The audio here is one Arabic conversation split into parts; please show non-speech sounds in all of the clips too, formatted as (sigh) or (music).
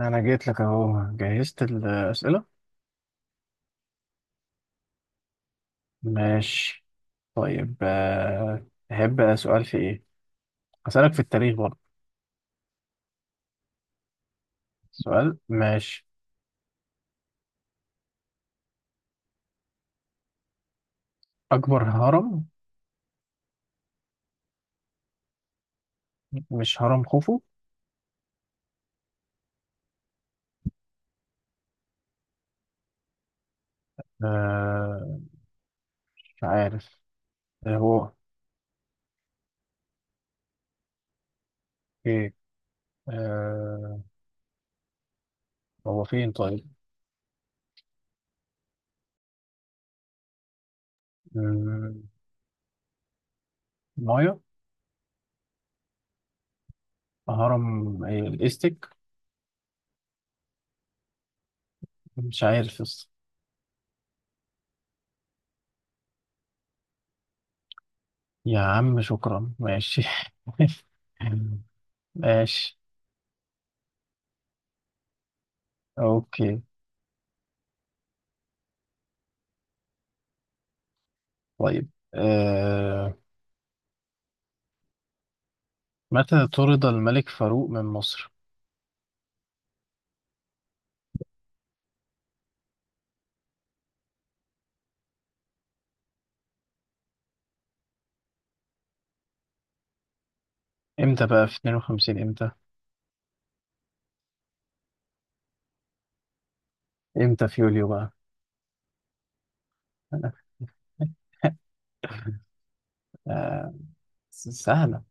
انا جيت لك اهو جهزت الاسئله. ماشي. طيب، تحب سؤال في ايه؟ هسألك في التاريخ برضه. سؤال. ماشي. اكبر هرم. مش هرم خوفو؟ آه. مش عارف. آه، هو. ايه. آه. هو فين طيب؟ مم، مايا. هرم إيه؟ الاستك. مش عارف يس. يا عم شكرا. ماشي. (laughs) ماشي. اوكي. طيب، متى طرد الملك فاروق من مصر؟ امتى بقى في 52؟ امتى؟ امتى في يوليو بقى؟ (laughs) آه، سهلة.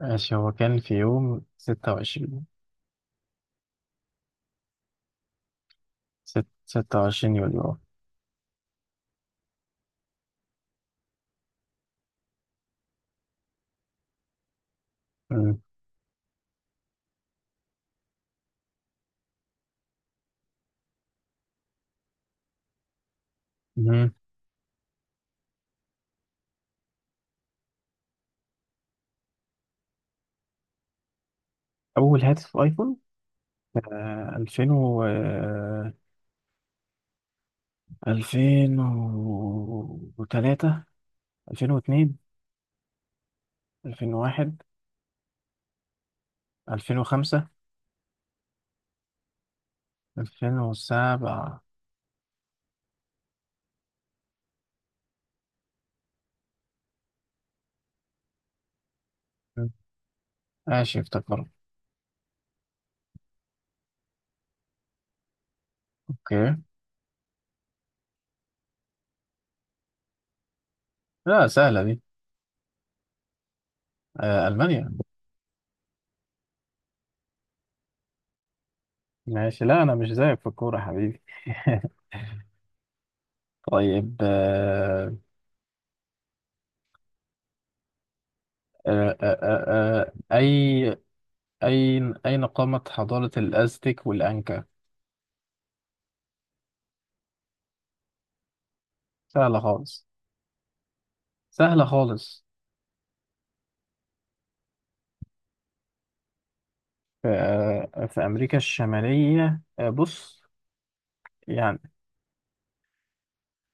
ماشي. هو كان في يوم 26. 26 يوليو. آه. مم. مم. أول هاتف أيفون؟ 2000 و 2003، 2002، 2001، 2005، 2007. مم. ماشي، افتكرت. أوكي. لا، سهلة دي. ألمانيا. ماشي. لا، انا مش زيك في الكوره يا حبيبي. (laughs) طيب، آه، آه، آه، اي، اين قامت حضاره الازتك والانكا؟ سهله خالص. سهله خالص. في امريكا الشماليه، بص. يعني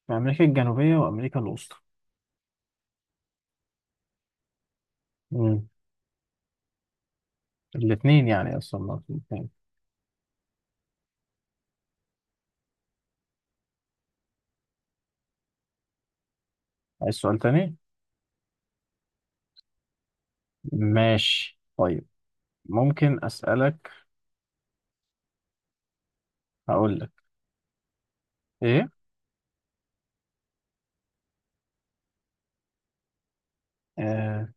في امريكا الجنوبيه وامريكا الوسطى. مم. الاثنين، يعني اصلا ما في الاثنين. عايز سؤال تاني؟ ماشي طيب. ممكن اسالك. هقول لك ايه. آه،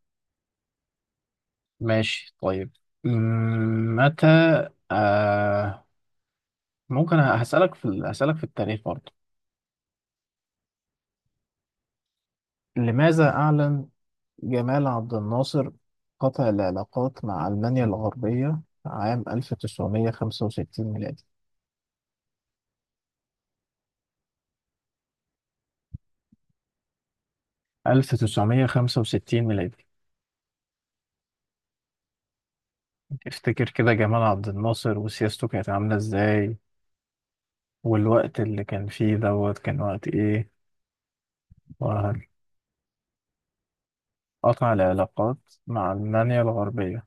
ماشي طيب. متى... آه ممكن هسألك في هسألك في التاريخ برضه. لماذا أعلن جمال عبد الناصر قطع العلاقات مع ألمانيا الغربية عام 1965 ميلادي؟ 1965 ميلادي. افتكر كده جمال عبد الناصر وسياسته كانت عاملة ازاي، والوقت اللي كان فيه دوت كان وقت ايه. وقطع العلاقات مع ألمانيا الغربية.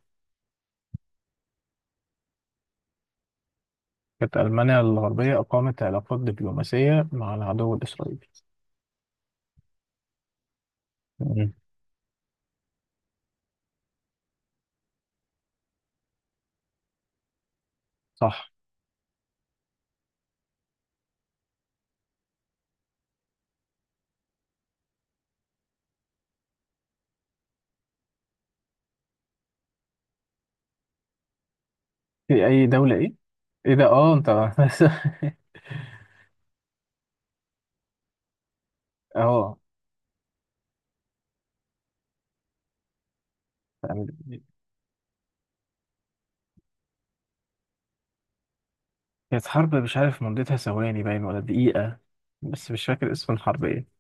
كانت ألمانيا الغربية أقامت علاقات دبلوماسية مع العدو الإسرائيلي. مم. صح. في أي دولة إيه؟ إيه ده؟ آه أنت! (laughs) آه. يعني كانت حرب مش عارف مدتها ثواني باين ولا دقيقة، بس مش فاكر اسم الحرب إيه.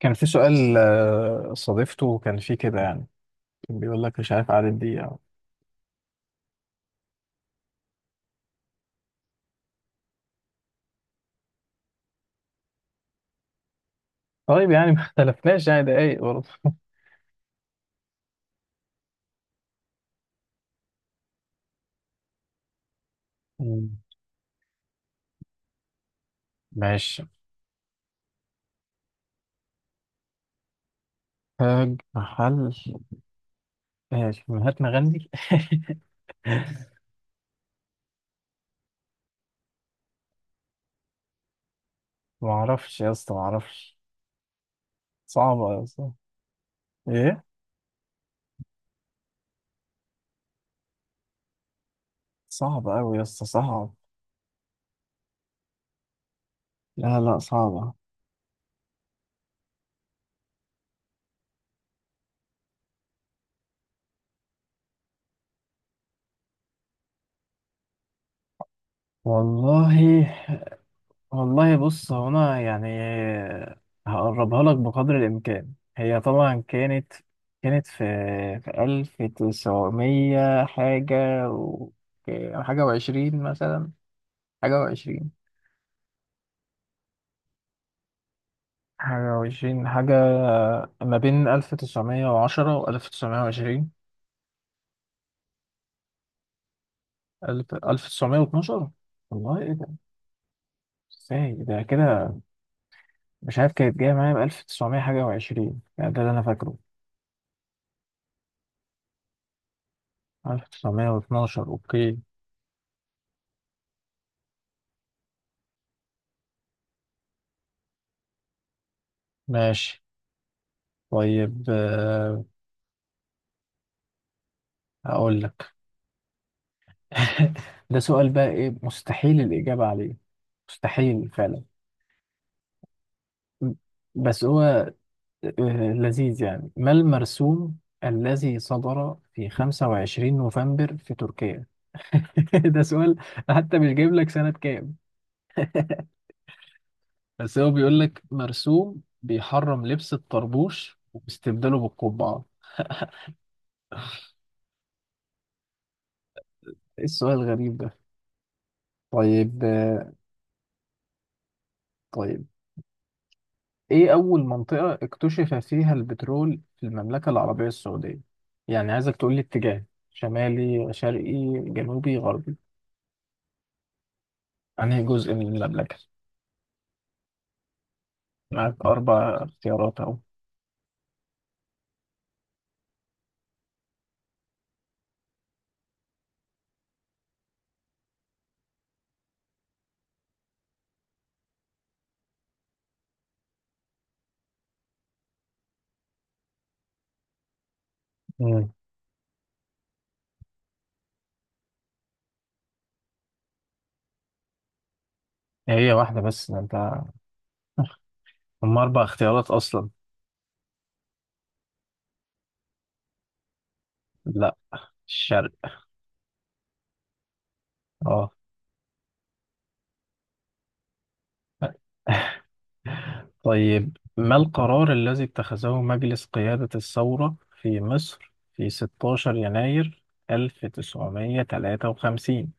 كان في سؤال، صادفته، كان فيه كده يعني. كان بيقول لك مش عارف عدد دقيقة. طيب يعني ما اختلفناش، يعني دقايق برضه. مم. ماشي. تاج محل. إيه، مهاتما غاندي؟ (laughs) ما اعرفش يا اسطى، ما اعرفش. صعبة يا اسطى. ايه؟ صعبة أوي يا اسطى، صعب. لا لا، صعبة. والله. والله بص، هو أنا يعني هقربها لك بقدر الإمكان. هي طبعا كانت. كانت في. في ألف تسعمية حاجة و. حاجة وعشرين مثلا. حاجة وعشرين. حاجة وعشرين حاجة. ما بين ألف تسعمية وعشرة وألف تسعمية وعشرين. ألف تسعمية واتناشر. والله إيه ده؟ ازاي ده كده؟ مش عارف، كانت جاية معايا بألف تسعمية حاجة وعشرين، يعني ده اللي أنا فاكره. ألف تسعمية واتناشر. أوكي. ماشي. طيب، هقول لك. (laughs) ده سؤال بقى إيه، مستحيل الإجابة عليه. مستحيل فعلا. م- بس هو لذيذ يعني. ما المرسوم الذي صدر في 25 نوفمبر في تركيا؟ (laughs) ده سؤال حتى مش جايب لك سنة كام. بس هو بيقول لك مرسوم بيحرم لبس الطربوش واستبداله بالقبعة. ايه السؤال الغريب ده؟ طيب. طيب، ايه اول منطقة اكتشف فيها البترول في المملكة العربية السعودية؟ يعني عايزك تقول لي اتجاه. شمالي شرقي. جنوبي غربي. انهي جزء من المملكة؟ معاك اربع اختيارات اهو. مم. هي واحدة بس، ده انت هم اربع اختيارات اصلا. لا. الشرق. اه. (laughs) طيب، ما القرار الذي اتخذه مجلس قيادة الثورة في مصر في 16 يناير 1953؟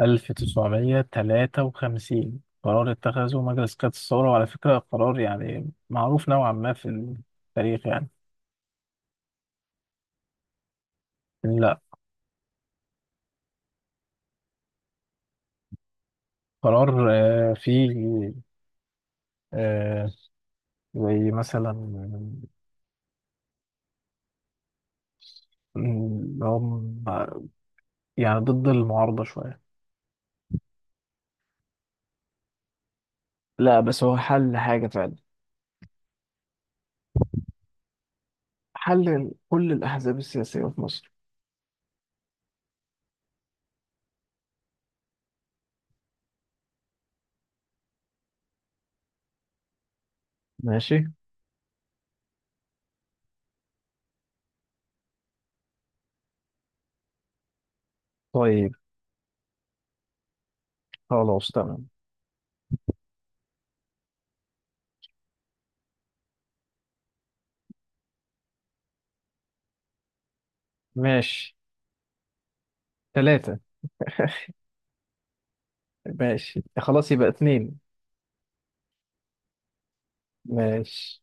1953. قرار اتخذه مجلس قيادة الثورة، وعلى فكرة قرار يعني معروف نوعا ما في التاريخ يعني. لا. قرار. فيه. آه، زي مثلا، اللي هو يعني ضد المعارضة شوية. لا بس هو حل حاجة فعلا. حل كل الأحزاب السياسية في مصر. ماشي طيب. خلاص تمام. ماشي. ثلاثة. ماشي خلاص، يبقى اتنين. ماشي.